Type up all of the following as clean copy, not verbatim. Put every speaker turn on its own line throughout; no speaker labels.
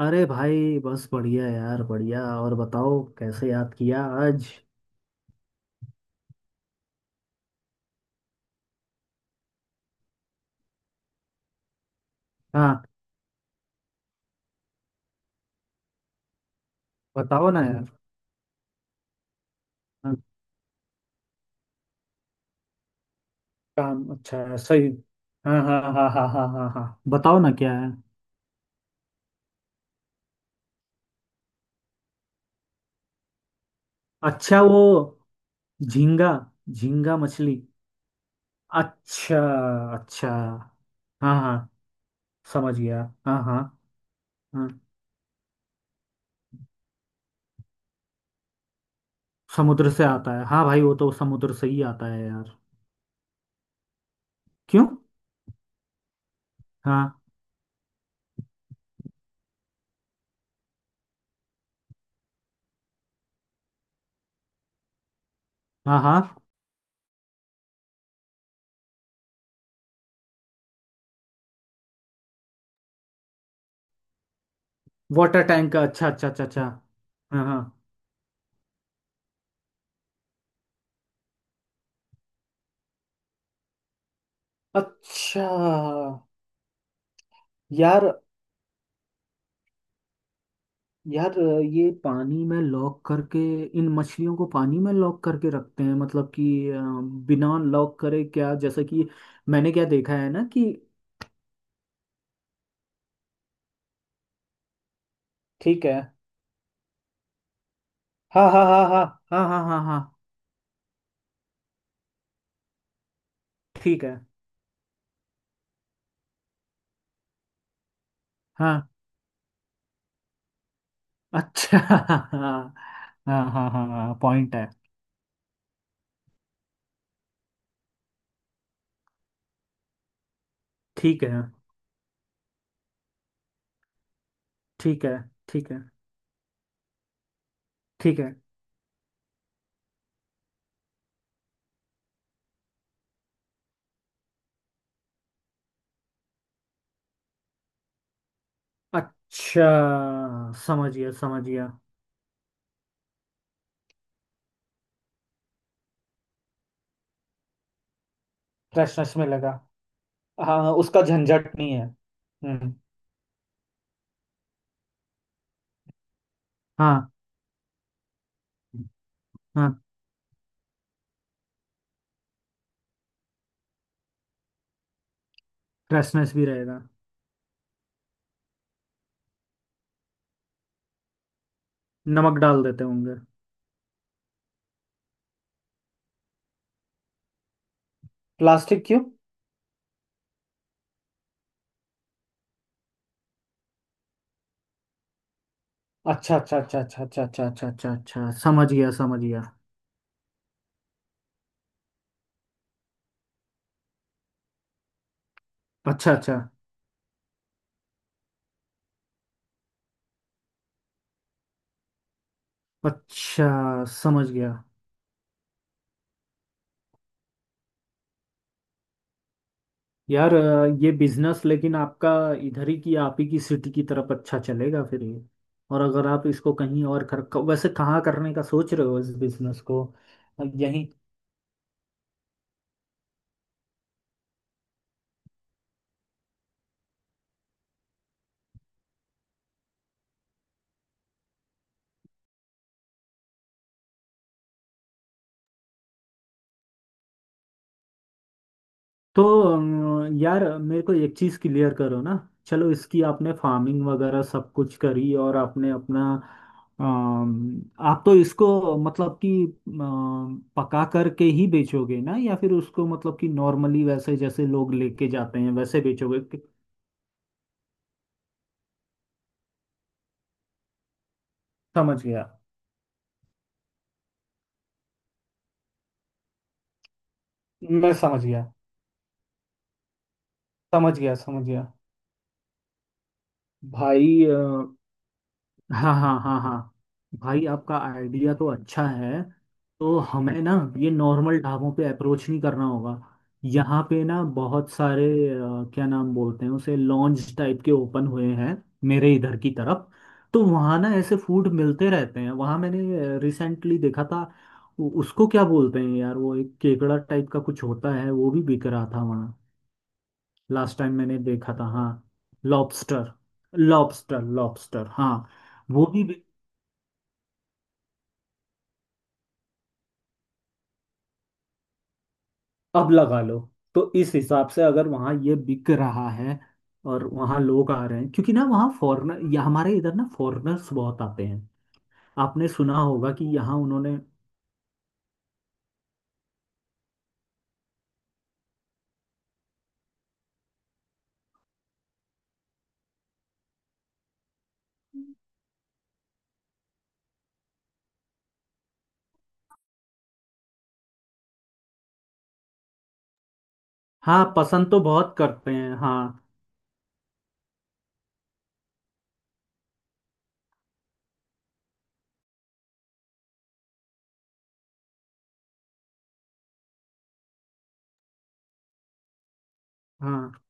अरे भाई, बस बढ़िया यार, बढ़िया। और बताओ, कैसे याद किया आज? हाँ, बताओ ना यार। हाँ, काम अच्छा है, सही। हाँ हाँ हाँ हाँ हाँ हाँ हाँ, बताओ ना क्या है। अच्छा, वो झींगा। झींगा मछली। अच्छा। अच्छा हाँ हाँ, समझ गया हाँ हाँ। हाँ समुद्र से आता है, हाँ भाई वो तो समुद्र से ही आता है यार। क्यों? हाँ हाँ हाँ। वाटर टैंक का? अच्छा अच्छा अच्छा अच्छा। हाँ हाँ। अच्छा। यार, यार ये पानी में लॉक करके, इन मछलियों को पानी में लॉक करके रखते हैं, मतलब कि बिना लॉक करे क्या, जैसे कि मैंने क्या देखा है ना कि। ठीक है। हाँ हाँ हाँ हाँ हाँ हाँ हाँ हाँ। ठीक है। हाँ। अच्छा हाँ। हाँ हाँ हाँ हाँ, पॉइंट है। ठीक है। ठीक है। ठीक है। ठीक है। अच्छा, समझ गया समझ गया। फ्रेशनेस में लगा। हाँ उसका झंझट नहीं है। हम्म। हाँ हाँ। फ्रेशनेस भी रहेगा। नमक डाल देते होंगे। प्लास्टिक क्यों? अच्छा अच्छा अच्छा अच्छा अच्छा अच्छा अच्छा अच्छा अच्छा, समझ गया समझ गया। अच्छा अच्छा। अच्छा, समझ गया। यार ये बिजनेस लेकिन आपका इधर ही की, आप ही की सिटी की तरफ अच्छा चलेगा फिर ये। और अगर आप इसको कहीं और कर क- वैसे कहाँ करने का सोच रहे हो इस बिजनेस को? यहीं? तो यार मेरे को एक चीज क्लियर करो ना। चलो इसकी आपने फार्मिंग वगैरह सब कुछ करी और आपने अपना आप तो इसको मतलब कि पका करके ही बेचोगे ना, या फिर उसको मतलब कि नॉर्मली वैसे जैसे लोग लेके जाते हैं वैसे बेचोगे कि-। समझ गया। मैं समझ गया। समझ गया समझ गया। भाई हाँ हाँ हाँ हाँ, भाई आपका आइडिया तो अच्छा है। तो हमें ना ये नॉर्मल ढाबों पे अप्रोच नहीं करना होगा। यहाँ पे ना बहुत सारे क्या नाम बोलते हैं उसे, लॉन्ज टाइप के ओपन हुए हैं मेरे इधर की तरफ। तो वहाँ ना ऐसे फूड मिलते रहते हैं, वहाँ मैंने रिसेंटली देखा था। उ- उसको क्या बोलते हैं यार, वो एक केकड़ा टाइप का कुछ होता है, वो भी बिक रहा था वहाँ। लास्ट टाइम मैंने देखा था, हाँ। लॉबस्टर। लॉबस्टर लॉबस्टर, हाँ। वो भी। अब लगा लो। तो इस हिसाब से अगर वहाँ ये बिक रहा है और वहाँ लोग आ रहे हैं, क्योंकि ना वहाँ फॉरेनर, या हमारे इधर ना फॉरेनर्स बहुत आते हैं। आपने सुना होगा कि यहाँ उन्होंने। हाँ पसंद तो बहुत करते हैं हाँ। हाँ।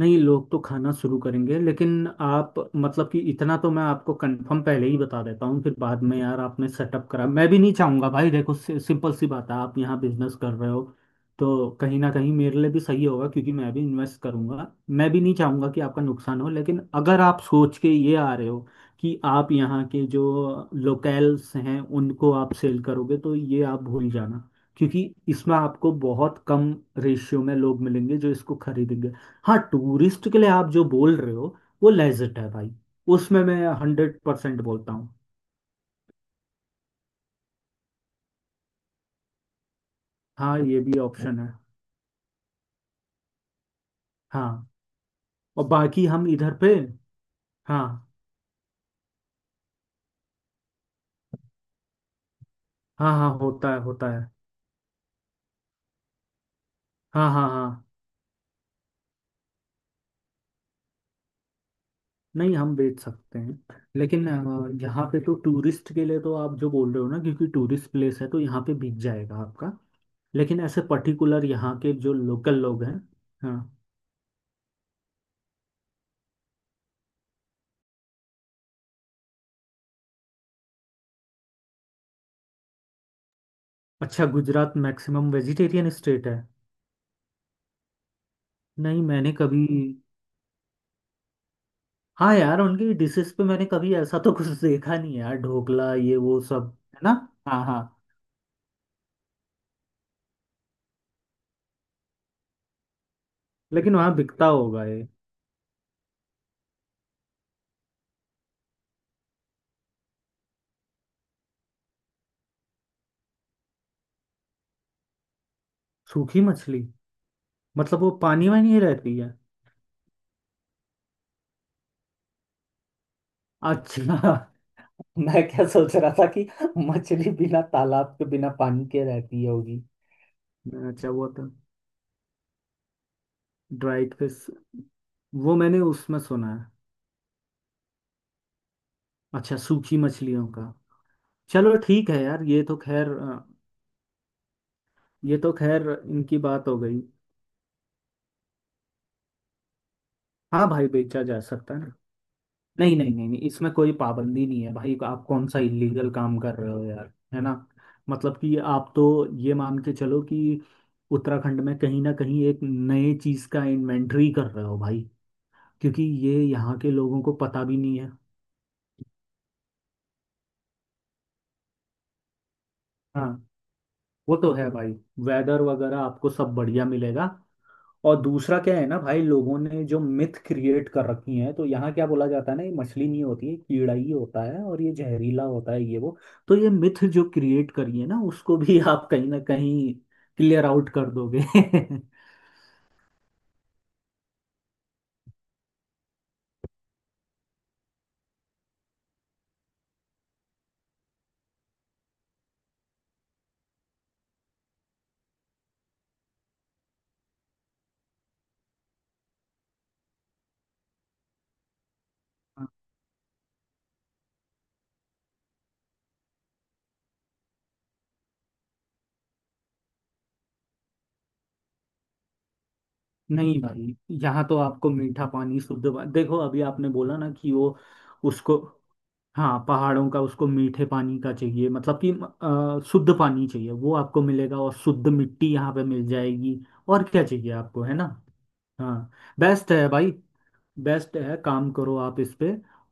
नहीं लोग तो खाना शुरू करेंगे, लेकिन आप मतलब कि इतना तो मैं आपको कंफर्म पहले ही बता देता हूँ, फिर बाद में यार आपने सेटअप करा, मैं भी नहीं चाहूँगा भाई। देखो सिंपल सी बात है, आप यहाँ बिजनेस कर रहे हो, तो कहीं ना कहीं मेरे लिए भी सही होगा क्योंकि मैं भी इन्वेस्ट करूंगा। मैं भी नहीं चाहूँगा कि आपका नुकसान हो, लेकिन अगर आप सोच के ये आ रहे हो कि आप यहाँ के जो लोकल्स हैं उनको आप सेल करोगे, तो ये आप भूल जाना। क्योंकि इसमें आपको बहुत कम रेशियो में लोग मिलेंगे जो इसको खरीदेंगे। हाँ टूरिस्ट के लिए आप जो बोल रहे हो वो लेजिट है भाई। उसमें मैं हंड्रेड परसेंट बोलता हूँ। हाँ ये भी ऑप्शन है। हाँ। और बाकी हम इधर पे। हाँ हाँ हाँ होता है होता है। हाँ हाँ हाँ। नहीं हम बेच सकते हैं, लेकिन यहाँ पे तो टूरिस्ट के लिए तो आप जो बोल रहे हो ना, क्योंकि टूरिस्ट प्लेस है तो यहाँ पे बिक जाएगा आपका। लेकिन ऐसे पर्टिकुलर यहाँ के जो लोकल लोग हैं। हाँ। अच्छा, गुजरात मैक्सिमम वेजिटेरियन स्टेट है? नहीं मैंने कभी। हाँ यार, उनकी डिशेस पे मैंने कभी ऐसा तो कुछ देखा नहीं है यार, ढोकला ये वो सब। है ना? हाँ हाँ। लेकिन वहाँ बिकता होगा ये। सूखी मछली? मतलब वो पानी में नहीं रहती है? अच्छा मैं क्या सोच रहा था कि मछली बिना तालाब के बिना पानी के रहती होगी। अच्छा वो तो। Dried fish. वो मैंने उसमें सुना है। अच्छा, सूखी मछलियों का। चलो ठीक है यार, ये तो खैर ये तो खैर इनकी बात हो गई। हाँ भाई बेचा जा सकता है। नहीं नहीं नहीं नहीं, इसमें कोई पाबंदी नहीं है भाई। आप कौन सा इलीगल काम कर रहे हो यार, है ना? मतलब कि आप तो ये मान के चलो कि उत्तराखंड में कहीं ना कहीं एक नए चीज का इन्वेंटरी कर रहे हो भाई, क्योंकि ये यहाँ के लोगों को पता भी नहीं है। हाँ वो तो है भाई। वेदर वगैरह आपको सब बढ़िया मिलेगा। और दूसरा क्या है ना भाई, लोगों ने जो मिथ क्रिएट कर रखी हैं, तो यहाँ क्या बोला जाता है ना, ये मछली नहीं होती है कीड़ा ही होता है और ये जहरीला होता है ये वो। तो ये मिथ जो क्रिएट करी है ना उसको भी आप कहीं ना कहीं क्लियर आउट कर दोगे नहीं भाई, यहाँ तो आपको मीठा पानी, शुद्ध पानी, देखो अभी आपने बोला ना कि वो उसको। हाँ पहाड़ों का, उसको मीठे पानी का चाहिए, मतलब कि शुद्ध पानी चाहिए, वो आपको मिलेगा, और शुद्ध मिट्टी यहाँ पे मिल जाएगी। और क्या चाहिए आपको, है ना। हाँ। बेस्ट है भाई। बेस्ट है, काम करो आप इस पे।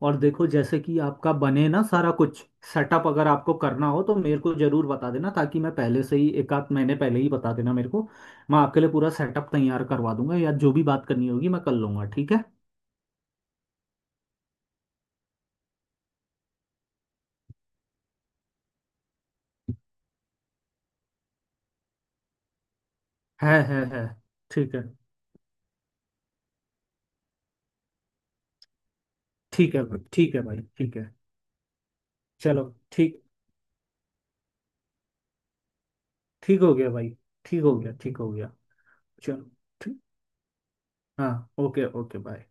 और देखो जैसे कि आपका बने ना सारा कुछ सेटअप, अगर आपको करना हो तो मेरे को जरूर बता देना। ताकि मैं पहले से ही, एक आध महीने पहले ही बता देना मेरे को। मैं आपके लिए पूरा सेटअप तैयार करवा दूंगा, या जो भी बात करनी होगी मैं कर लूंगा, ठीक है। है है। ठीक है। ठीक है भाई, ठीक है भाई ठीक है। चलो। ठीक। ठीक हो गया भाई। ठीक हो गया ठीक हो गया। चलो। ठीक। हाँ ओके ओके बाय।